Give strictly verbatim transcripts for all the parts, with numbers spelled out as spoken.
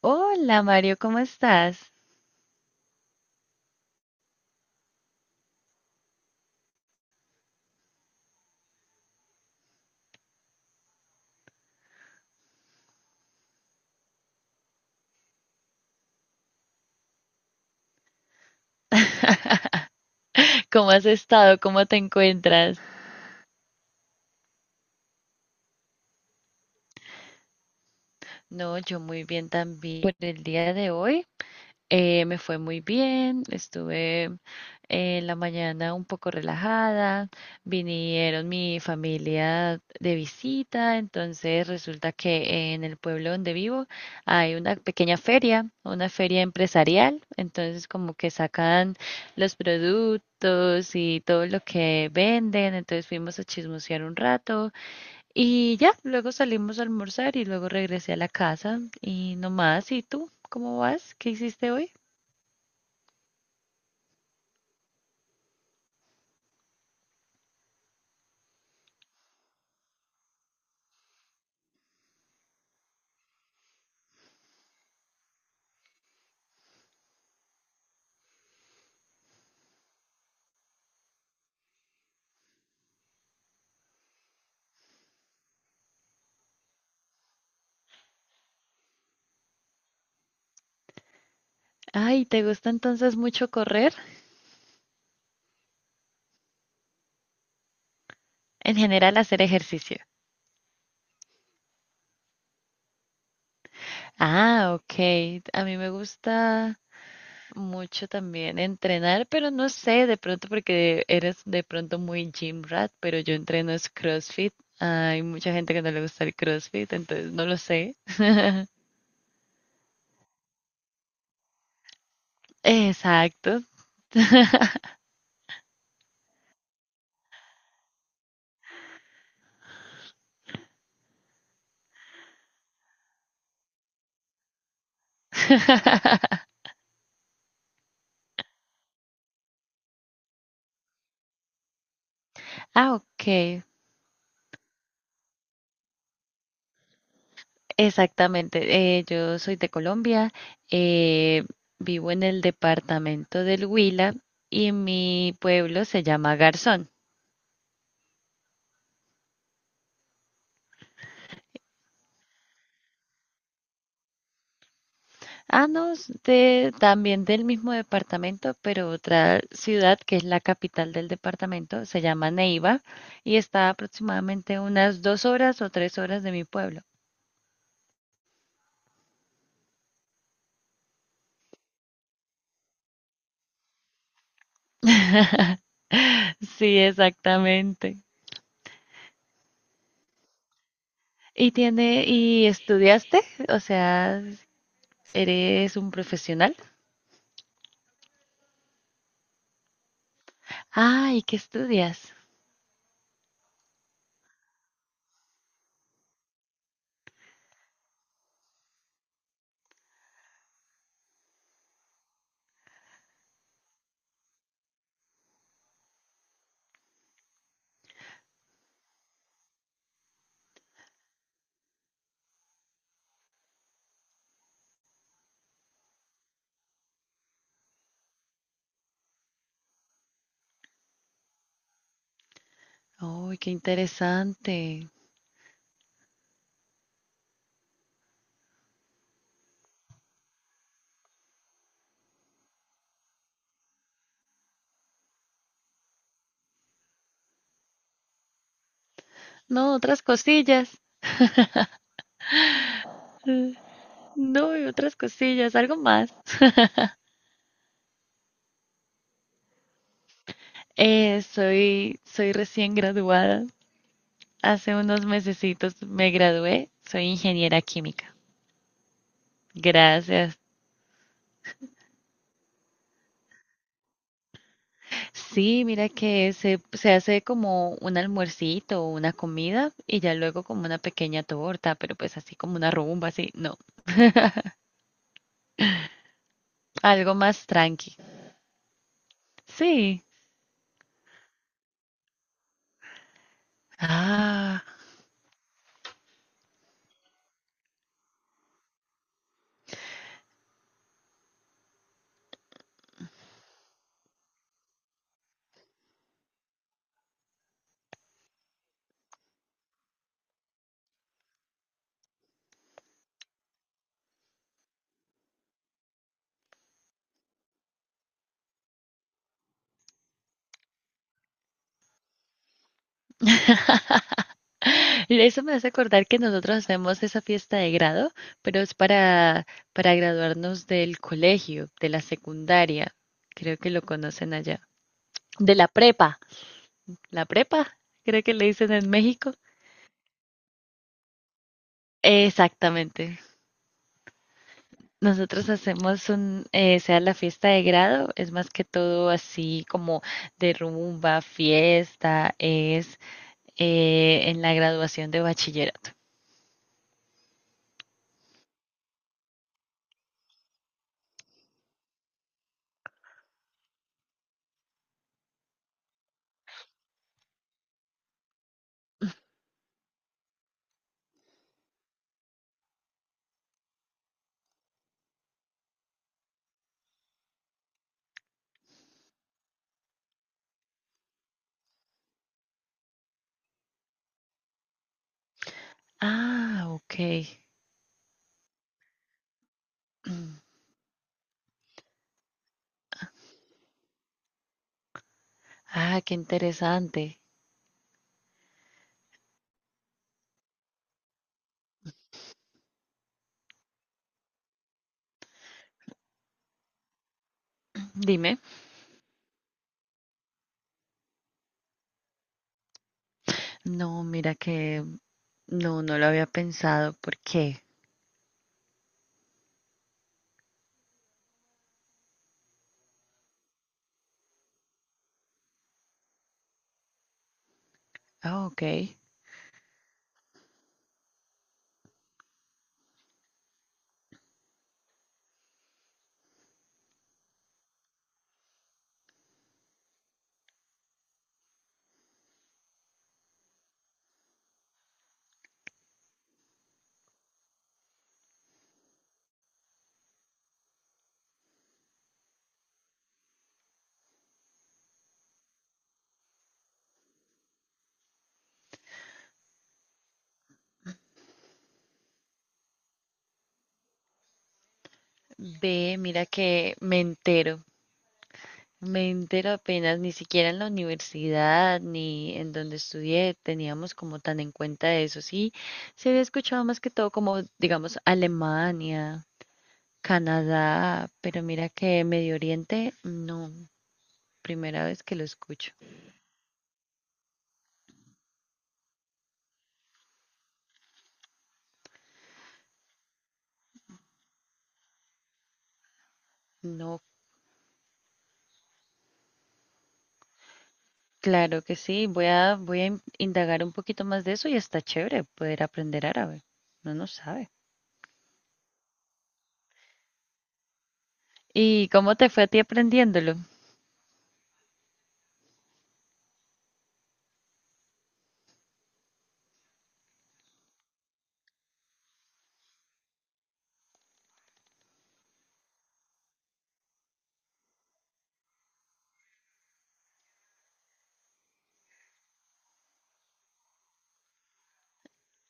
Hola Mario, ¿cómo estás? ¿Cómo has estado? ¿Cómo te encuentras? No, yo muy bien también por el día de hoy. Eh, me fue muy bien, estuve en la mañana un poco relajada, vinieron mi familia de visita, entonces resulta que en el pueblo donde vivo hay una pequeña feria, una feria empresarial, entonces como que sacan los productos y todo lo que venden, entonces fuimos a chismosear un rato y ya, luego salimos a almorzar y luego regresé a la casa y no más. ¿Y tú? ¿Cómo vas? ¿Qué hiciste hoy? Ay, ¿te gusta entonces mucho correr? En general, hacer ejercicio. Ah, ok. A mí me gusta mucho también entrenar, pero no sé, de pronto porque eres de pronto muy gym rat, pero yo entreno es CrossFit. Hay mucha gente que no le gusta el CrossFit, entonces no lo sé. Exacto. Ah, ok. Exactamente, eh, yo soy de Colombia, eh, vivo en el departamento del Huila y mi pueblo se llama Garzón. Ah, no, es de, también del mismo departamento, pero otra ciudad que es la capital del departamento se llama Neiva y está aproximadamente unas dos horas o tres horas de mi pueblo. Sí, exactamente. ¿Y tiene, y estudiaste? O sea, ¿eres un profesional? Ah, ¿y qué estudias? Uy, qué interesante. No, otras cosillas. Eh, No, y otras cosillas, algo más. Eh, soy, soy recién graduada. Hace unos mesecitos me gradué. Soy ingeniera química. Gracias. Sí, mira que se, se hace como un almuercito o una comida y ya luego como una pequeña torta, pero pues así como una rumba, así, no, algo más tranqui. Sí. Ah. Eso me hace acordar que nosotros hacemos esa fiesta de grado, pero es para, para graduarnos del colegio, de la secundaria, creo que lo conocen allá, de la prepa, la prepa, creo que le dicen en México. Exactamente. Nosotros hacemos un, eh, sea la fiesta de grado, es más que todo así como de rumba, fiesta, es eh, en la graduación de bachillerato. Ah, ok. Mm. Ah, qué interesante. Dime. No, mira que no, no lo había pensado. ¿Por qué? Ah, ok. Ve, mira que me entero. Me entero apenas, ni siquiera en la universidad ni en donde estudié teníamos como tan en cuenta eso. Sí, se había escuchado más que todo como, digamos, Alemania, Canadá, pero mira que Medio Oriente, no, primera vez que lo escucho. No. Claro que sí, voy a, voy a in- indagar un poquito más de eso y está chévere poder aprender árabe. No no sabe. ¿Y cómo te fue a ti aprendiéndolo?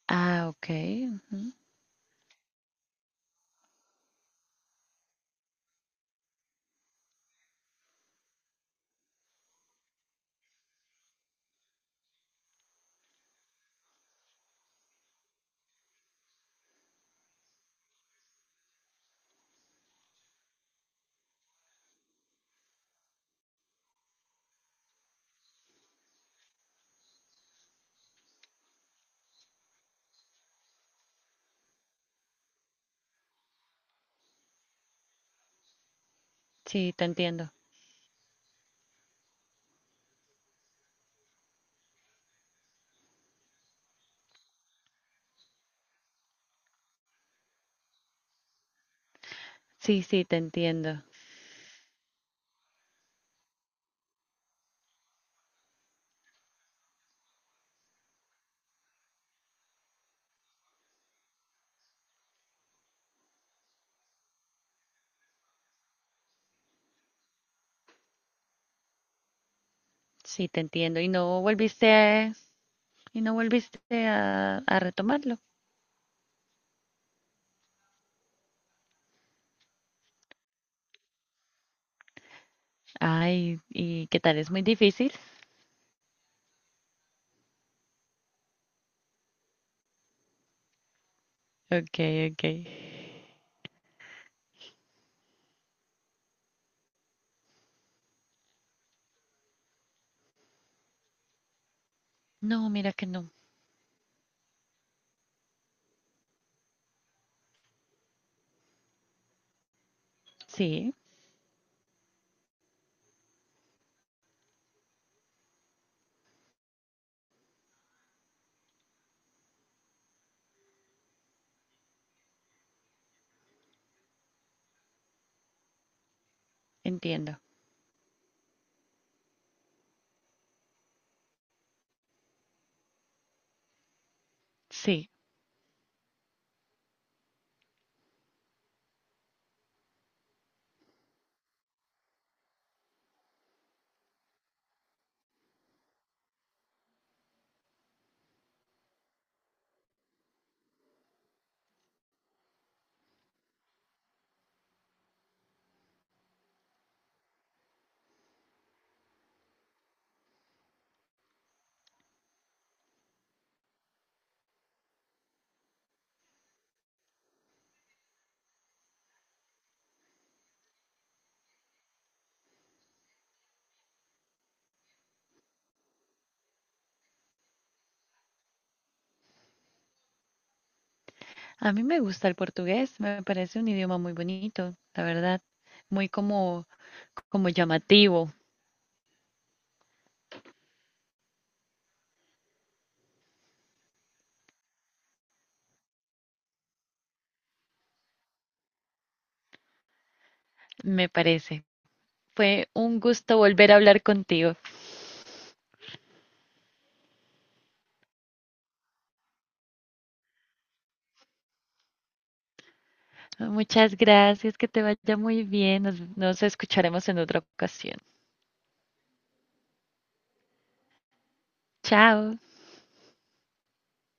Ah, ok. Ujú. Sí, te entiendo. Sí, sí, te entiendo. Sí, te entiendo. ¿Y no volviste a, y no volviste a, a retomarlo? Ay, ¿y qué tal? ¿Es muy difícil? Ok, ok. No, mira que no. Sí, entiendo. Sí. A mí me gusta el portugués, me parece un idioma muy bonito, la verdad, muy como, como llamativo, me parece. Fue un gusto volver a hablar contigo. Muchas gracias, que te vaya muy bien. Nos, nos escucharemos en otra ocasión. Chao.